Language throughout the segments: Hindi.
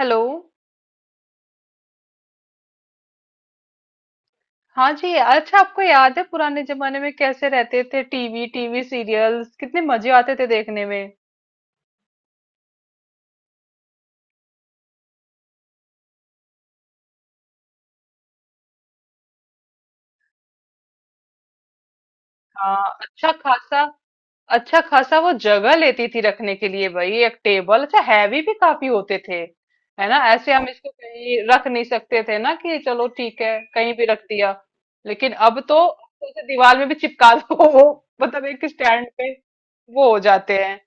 हेलो। हाँ जी, अच्छा, आपको याद है पुराने जमाने में कैसे रहते थे? टीवी टीवी सीरियल्स कितने मजे आते थे देखने में। हाँ। अच्छा खासा। अच्छा खासा वो जगह लेती थी रखने के लिए भाई, एक टेबल। अच्छा, हैवी भी काफी होते थे, है ना? ऐसे हम इसको कहीं रख नहीं सकते थे ना कि चलो ठीक है कहीं भी रख दिया। लेकिन अब तो उसे दीवार में भी चिपका दो, वो मतलब एक स्टैंड पे वो हो जाते हैं।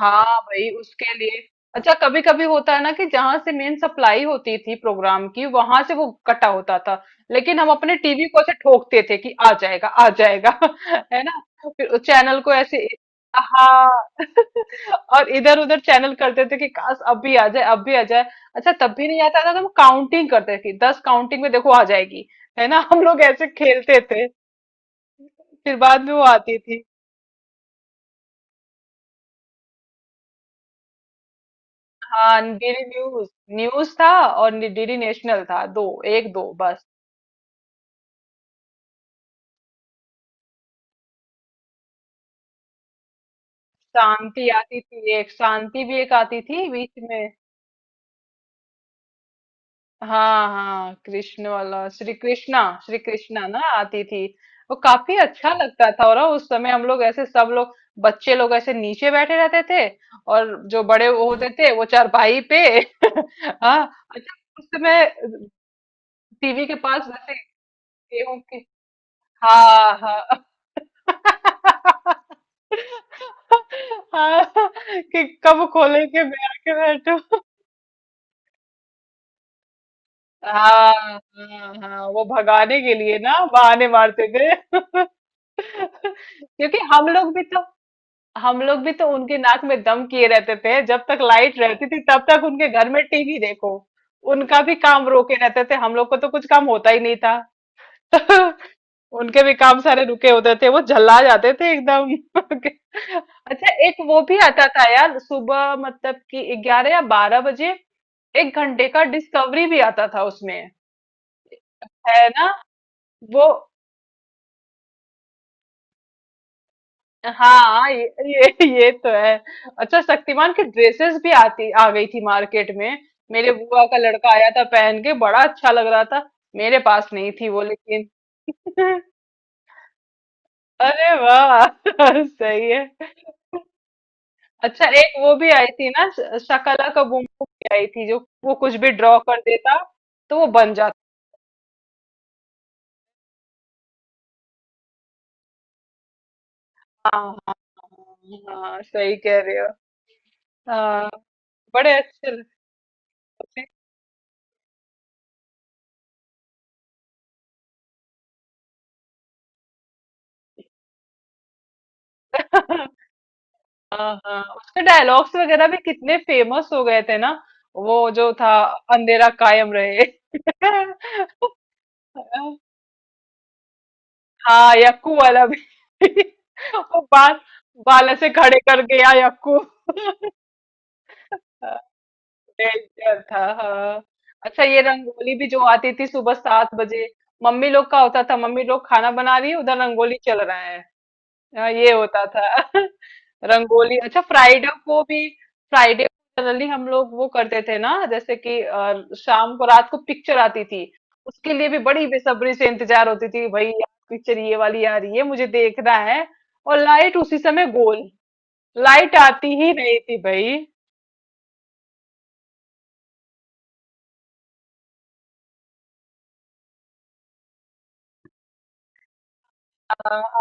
हाँ भाई उसके लिए। अच्छा, कभी कभी होता है ना कि जहां से मेन सप्लाई होती थी प्रोग्राम की, वहां से वो कटा होता था। लेकिन हम अपने टीवी को ऐसे ठोकते थे कि आ जाएगा है ना। फिर चैनल को ऐसे, हाँ और इधर उधर चैनल करते थे कि काश अब भी आ जाए, अब भी आ जाए। अच्छा, तब भी नहीं आता था तो हम काउंटिंग करते थे, 10 काउंटिंग में देखो आ जाएगी। है ना, हम लोग ऐसे खेलते थे। फिर बाद में वो आती थी। हाँ, डीडी न्यूज। न्यूज था और डीडी नेशनल था, दो। एक दो बस। शांति आती थी, एक शांति भी एक आती थी बीच में। हाँ हाँ, कृष्ण वाला श्री कृष्णा। श्री कृष्णा ना आती थी। वो काफी अच्छा लगता था, और उस समय हम लोग ऐसे सब लोग, बच्चे लोग ऐसे नीचे बैठे रहते थे, और जो बड़े वो होते थे वो चारपाई पे हाँ। अच्छा, उस समय टीवी के पास जैसे गेहूं की, हाँ हाँ हाँ, कि कब खोले के मैं आके बैठू। हाँ हाँ हाँ, वो भगाने के लिए ना बहाने मारते थे क्योंकि हम लोग भी तो, हम लोग भी तो उनके नाक में दम किए रहते थे, जब तक लाइट रहती थी तब तक उनके घर में टीवी देखो। उनका भी काम रोके रहते थे, हम लोग को तो कुछ काम होता ही नहीं था उनके भी काम सारे रुके होते थे, वो झल्ला जाते थे एकदम अच्छा, एक वो भी आता था यार, सुबह मतलब कि 11 या 12 बजे एक घंटे का डिस्कवरी भी आता था उसमें। है ना। वो, हाँ, ये तो है। अच्छा, शक्तिमान की ड्रेसेस भी आती आ गई थी मार्केट में। मेरे बुआ का लड़का आया था पहन के, बड़ा अच्छा लग रहा था। मेरे पास नहीं थी वो, लेकिन अरे वाह सही है। अच्छा, एक वो भी आई थी ना, शकला का बूम बूम भी आई थी, जो वो कुछ भी ड्रॉ कर देता तो वो बन जाता। हाँ हाँ हाँ, हाँ, सही कह रहे हो। हाँ, बड़े अच्छे लगते थे। हाँ हाँ, उसके डायलॉग्स वगैरह भी कितने फेमस हो गए थे ना, वो जो था अंधेरा कायम रहे हाँ, यक्कू वाला भी वो बाल बाल ऐसे खड़े कर गया यक्कू। डेंजर था हाँ। अच्छा, ये रंगोली भी जो आती थी सुबह 7 बजे, मम्मी लोग का होता था, मम्मी लोग खाना बना रही है उधर रंगोली चल रहा है। हाँ, ये होता था रंगोली। अच्छा, फ्राइडे को भी, फ्राइडे को जनरली हम लोग वो करते थे ना जैसे कि शाम को, रात को पिक्चर आती थी, उसके लिए भी बड़ी बेसब्री से इंतजार होती थी भाई, यार पिक्चर ये वाली आ रही है मुझे देखना है। और लाइट उसी समय गोल, लाइट आती ही नहीं थी भाई। हाँ।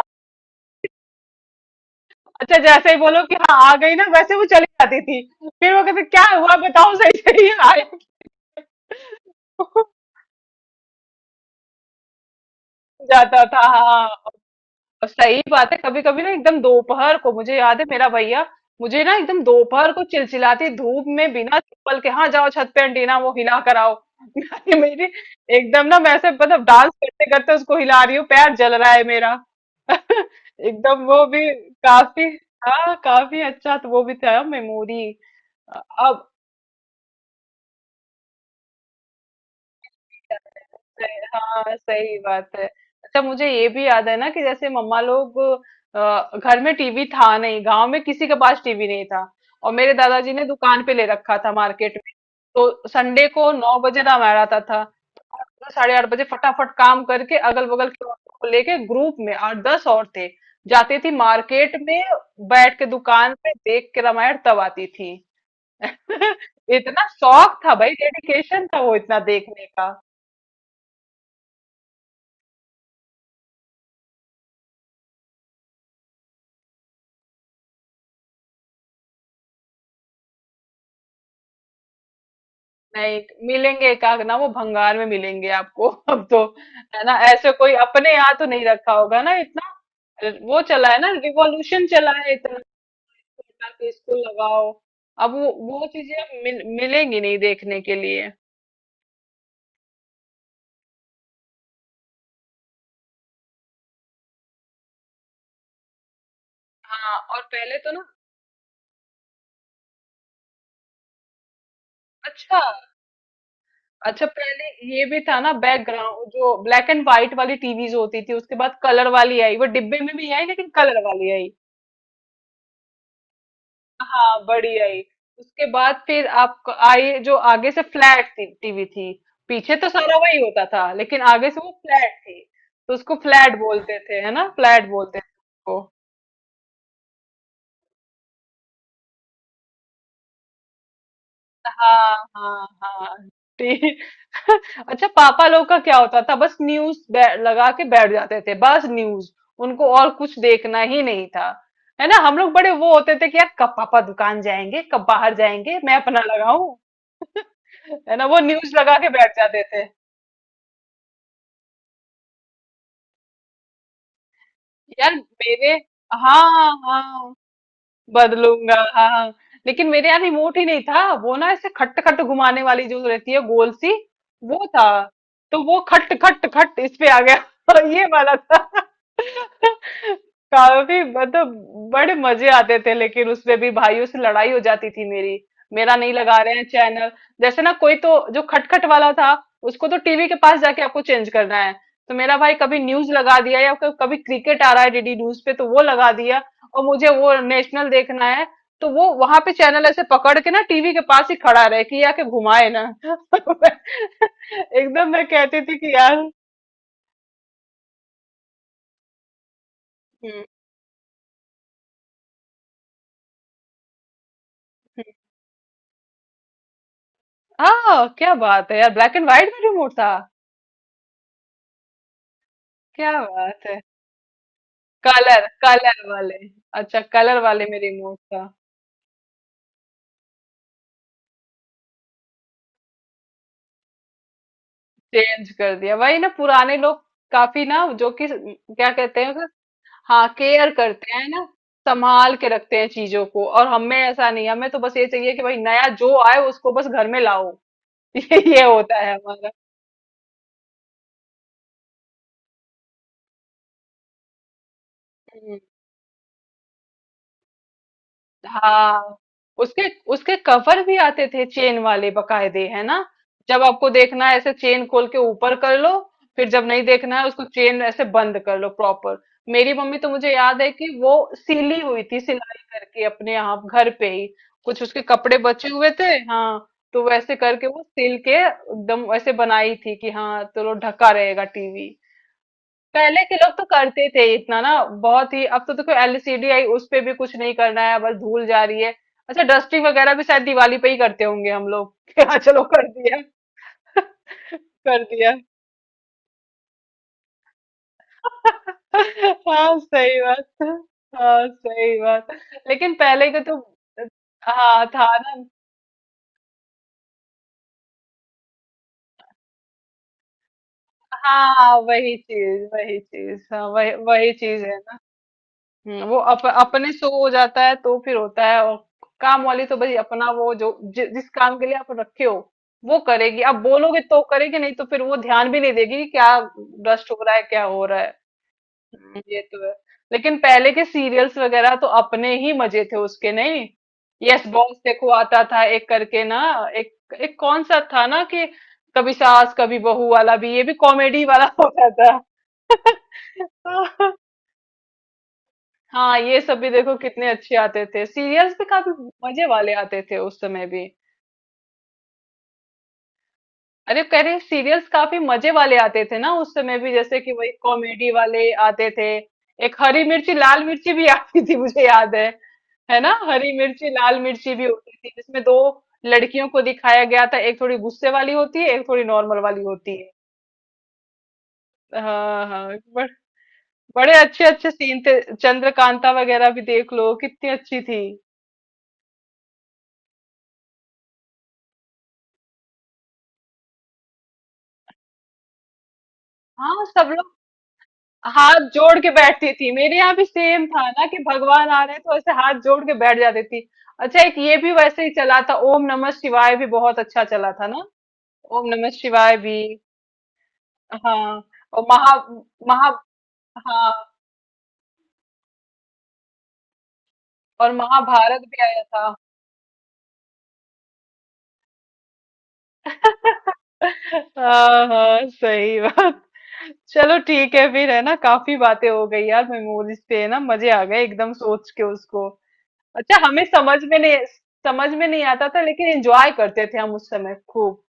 अच्छा, जैसे ही बोलो कि हाँ आ गई ना, वैसे वो चली जाती थी, फिर वो कहते क्या हुआ बताओ, सही सही आया जाता था हाँ। और सही बात है, कभी कभी ना एकदम दोपहर को मुझे याद है, मेरा भैया मुझे ना एकदम दोपहर को चिलचिलाती धूप में बिना चप्पल के, हाँ जाओ छत पे एंटीना वो हिला कराओ मेरी एकदम ना मैं ऐसे मतलब डांस करते करते उसको हिला रही हूँ, पैर जल रहा है मेरा एकदम वो भी, काफी, हाँ काफी। अच्छा, तो वो भी था मेमोरी। अब सही, हाँ सही बात है। अच्छा, मुझे ये भी याद है ना कि जैसे मम्मा लोग, घर में टीवी था नहीं, गांव में किसी के पास टीवी नहीं था और मेरे दादाजी ने दुकान पे ले रखा था मार्केट में। तो संडे को 9 बजे दाम आ रहा था तो 8:30 बजे फटाफट काम करके, अगल बगल के औरतों को लेके ग्रुप में 8-10 औरतें जाती थी मार्केट में, बैठ के दुकान पे देख के, रामायण तब आती थी इतना शौक था भाई, डेडिकेशन था वो इतना देखने। नहीं मिलेंगे, एकाक ना वो भंगार में मिलेंगे आपको अब तो। है ना, ऐसे कोई अपने यहाँ तो नहीं रखा होगा ना इतना, वो चला है ना रिवॉल्यूशन चला है, इतना छोटा कि इसको लगाओ। अब वो चीजें अब मिलेंगी नहीं देखने के लिए। हाँ और पहले तो ना, अच्छा। अच्छा पहले ये भी था ना बैकग्राउंड, जो ब्लैक एंड व्हाइट वाली टीवीज होती थी, उसके बाद कलर वाली आई, वो डिब्बे में भी आई लेकिन कलर वाली आई। हाँ बड़ी आई, उसके बाद फिर आप आई जो आगे से फ्लैट टीवी थी, पीछे तो सारा वही होता था लेकिन आगे से वो फ्लैट थी, तो उसको फ्लैट बोलते थे, है ना, फ्लैट बोलते थे उसको। हाँ हाँ हाँ। ते- अच्छा, पापा लोग का क्या होता था? बस न्यूज लगा के बैठ जाते थे, बस न्यूज। उनको और कुछ देखना ही नहीं था, है ना, हम लोग बड़े वो होते थे कि यार कब पापा दुकान जाएंगे, कब बाहर जाएंगे, मैं अपना लगाऊं है ना, वो न्यूज लगा के बैठ जाते थे। यार मेरे, हाँ हाँ बदलूंगा हाँ हाँ। लेकिन मेरे यहाँ रिमोट ही नहीं था, वो ना ऐसे खट खट घुमाने वाली जो रहती है गोल सी, वो था। तो वो खट खट खट इस पे आ गया और ये वाला था काफी, मतलब बड़े मजे आते थे, लेकिन उसमें भी भाइयों से लड़ाई हो जाती थी मेरी, मेरा नहीं लगा रहे हैं चैनल। जैसे ना कोई तो जो खटखट वाला था, उसको तो टीवी के पास जाके आपको चेंज करना है, तो मेरा भाई कभी न्यूज लगा दिया, या कभी क्रिकेट आ रहा है डीडी न्यूज पे तो वो लगा दिया, और मुझे वो नेशनल देखना है, तो वो वहां पे चैनल ऐसे पकड़ के ना टीवी के पास ही खड़ा रहे कि ये आके घुमाए ना एकदम मैं कहती थी कि यार, हम्म, हाँ क्या बात है यार, ब्लैक एंड व्हाइट में रिमोट था। क्या बात है, कलर कलर वाले। अच्छा, कलर वाले में रिमोट था। चेंज कर दिया वही ना, पुराने लोग काफी ना, जो कि क्या कहते हैं, हाँ केयर करते हैं ना, संभाल के रखते हैं चीजों को, और हमें ऐसा नहीं, हमें तो बस ये चाहिए कि भाई नया जो आए उसको बस घर में लाओ ये होता है हमारा। हाँ, उसके, उसके कवर भी आते थे चेन वाले बकायदे, है ना, जब आपको देखना है ऐसे चेन खोल के ऊपर कर लो, फिर जब नहीं देखना है उसको चेन ऐसे बंद कर लो प्रॉपर। मेरी मम्मी तो मुझे याद है कि वो सीली हुई थी, सिलाई करके अपने यहाँ घर पे ही कुछ उसके कपड़े बचे हुए थे, हाँ। तो वैसे करके वो सिल के एकदम वैसे बनाई थी कि हाँ चलो ढका रहेगा टीवी। पहले के लोग तो करते थे इतना ना, बहुत ही, अब तो देखो एलसीडी आई, उस पे भी कुछ नहीं करना है, बस धूल जा रही है। अच्छा, डस्टिंग वगैरह भी शायद दिवाली पे ही करते होंगे हम लोग कि हाँ चलो कर दिया कर दिया हाँ सही बात, हाँ सही बात। लेकिन पहले के तो, हाँ, था ना। हाँ वही चीज वही चीज, हाँ, वही वही चीज है। वो अपने से हो जाता है तो फिर होता है, और काम वाली तो भाई अपना वो जो जिस काम के लिए आप रखे हो वो करेगी, आप बोलोगे तो करेगी, नहीं तो फिर वो ध्यान भी नहीं देगी कि क्या डस्ट हो रहा है, क्या हो रहा है। ये तो है। लेकिन पहले के सीरियल्स वगैरह तो अपने ही मजे थे उसके, नहीं। यस बॉस देखो आता था, एक करके ना, एक एक कौन सा था ना कि, कभी सास कभी बहू वाला भी, ये भी कॉमेडी वाला होता था। हाँ, ये सब भी देखो कितने अच्छे आते थे सीरियल्स भी, काफी मजे वाले आते थे उस समय भी। अरे कह रहे सीरियल्स काफी मजे वाले आते थे ना उस समय भी, जैसे कि वही कॉमेडी वाले आते थे। एक हरी मिर्ची लाल मिर्ची भी आती थी मुझे याद है ना, हरी मिर्ची लाल मिर्ची भी होती थी जिसमें दो लड़कियों को दिखाया गया था, एक थोड़ी गुस्से वाली होती है, एक थोड़ी नॉर्मल वाली होती है। हाँ हाँ बड़े अच्छे अच्छे सीन थे, चंद्रकांता वगैरह भी देख लो कितनी अच्छी थी। हाँ, सब लोग हाथ जोड़ के बैठती थी, मेरे यहाँ भी सेम था ना, कि भगवान आ रहे हैं तो ऐसे हाथ जोड़ के बैठ जाती थी। अच्छा, एक ये भी वैसे ही चला था, ओम नमः शिवाय भी बहुत अच्छा चला था ना, ओम नमः शिवाय भी। हाँ और महा महा हाँ और महाभारत भी आया था। हाँ हाँ सही बात। चलो ठीक है फिर, है ना, काफी बातें हो गई यार मेमोरीज पे, है ना, मजे आ गए एकदम सोच के उसको। अच्छा हमें समझ में नहीं, समझ में नहीं आता था लेकिन एंजॉय करते थे हम उस समय खूब।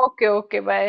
Okay okay bye.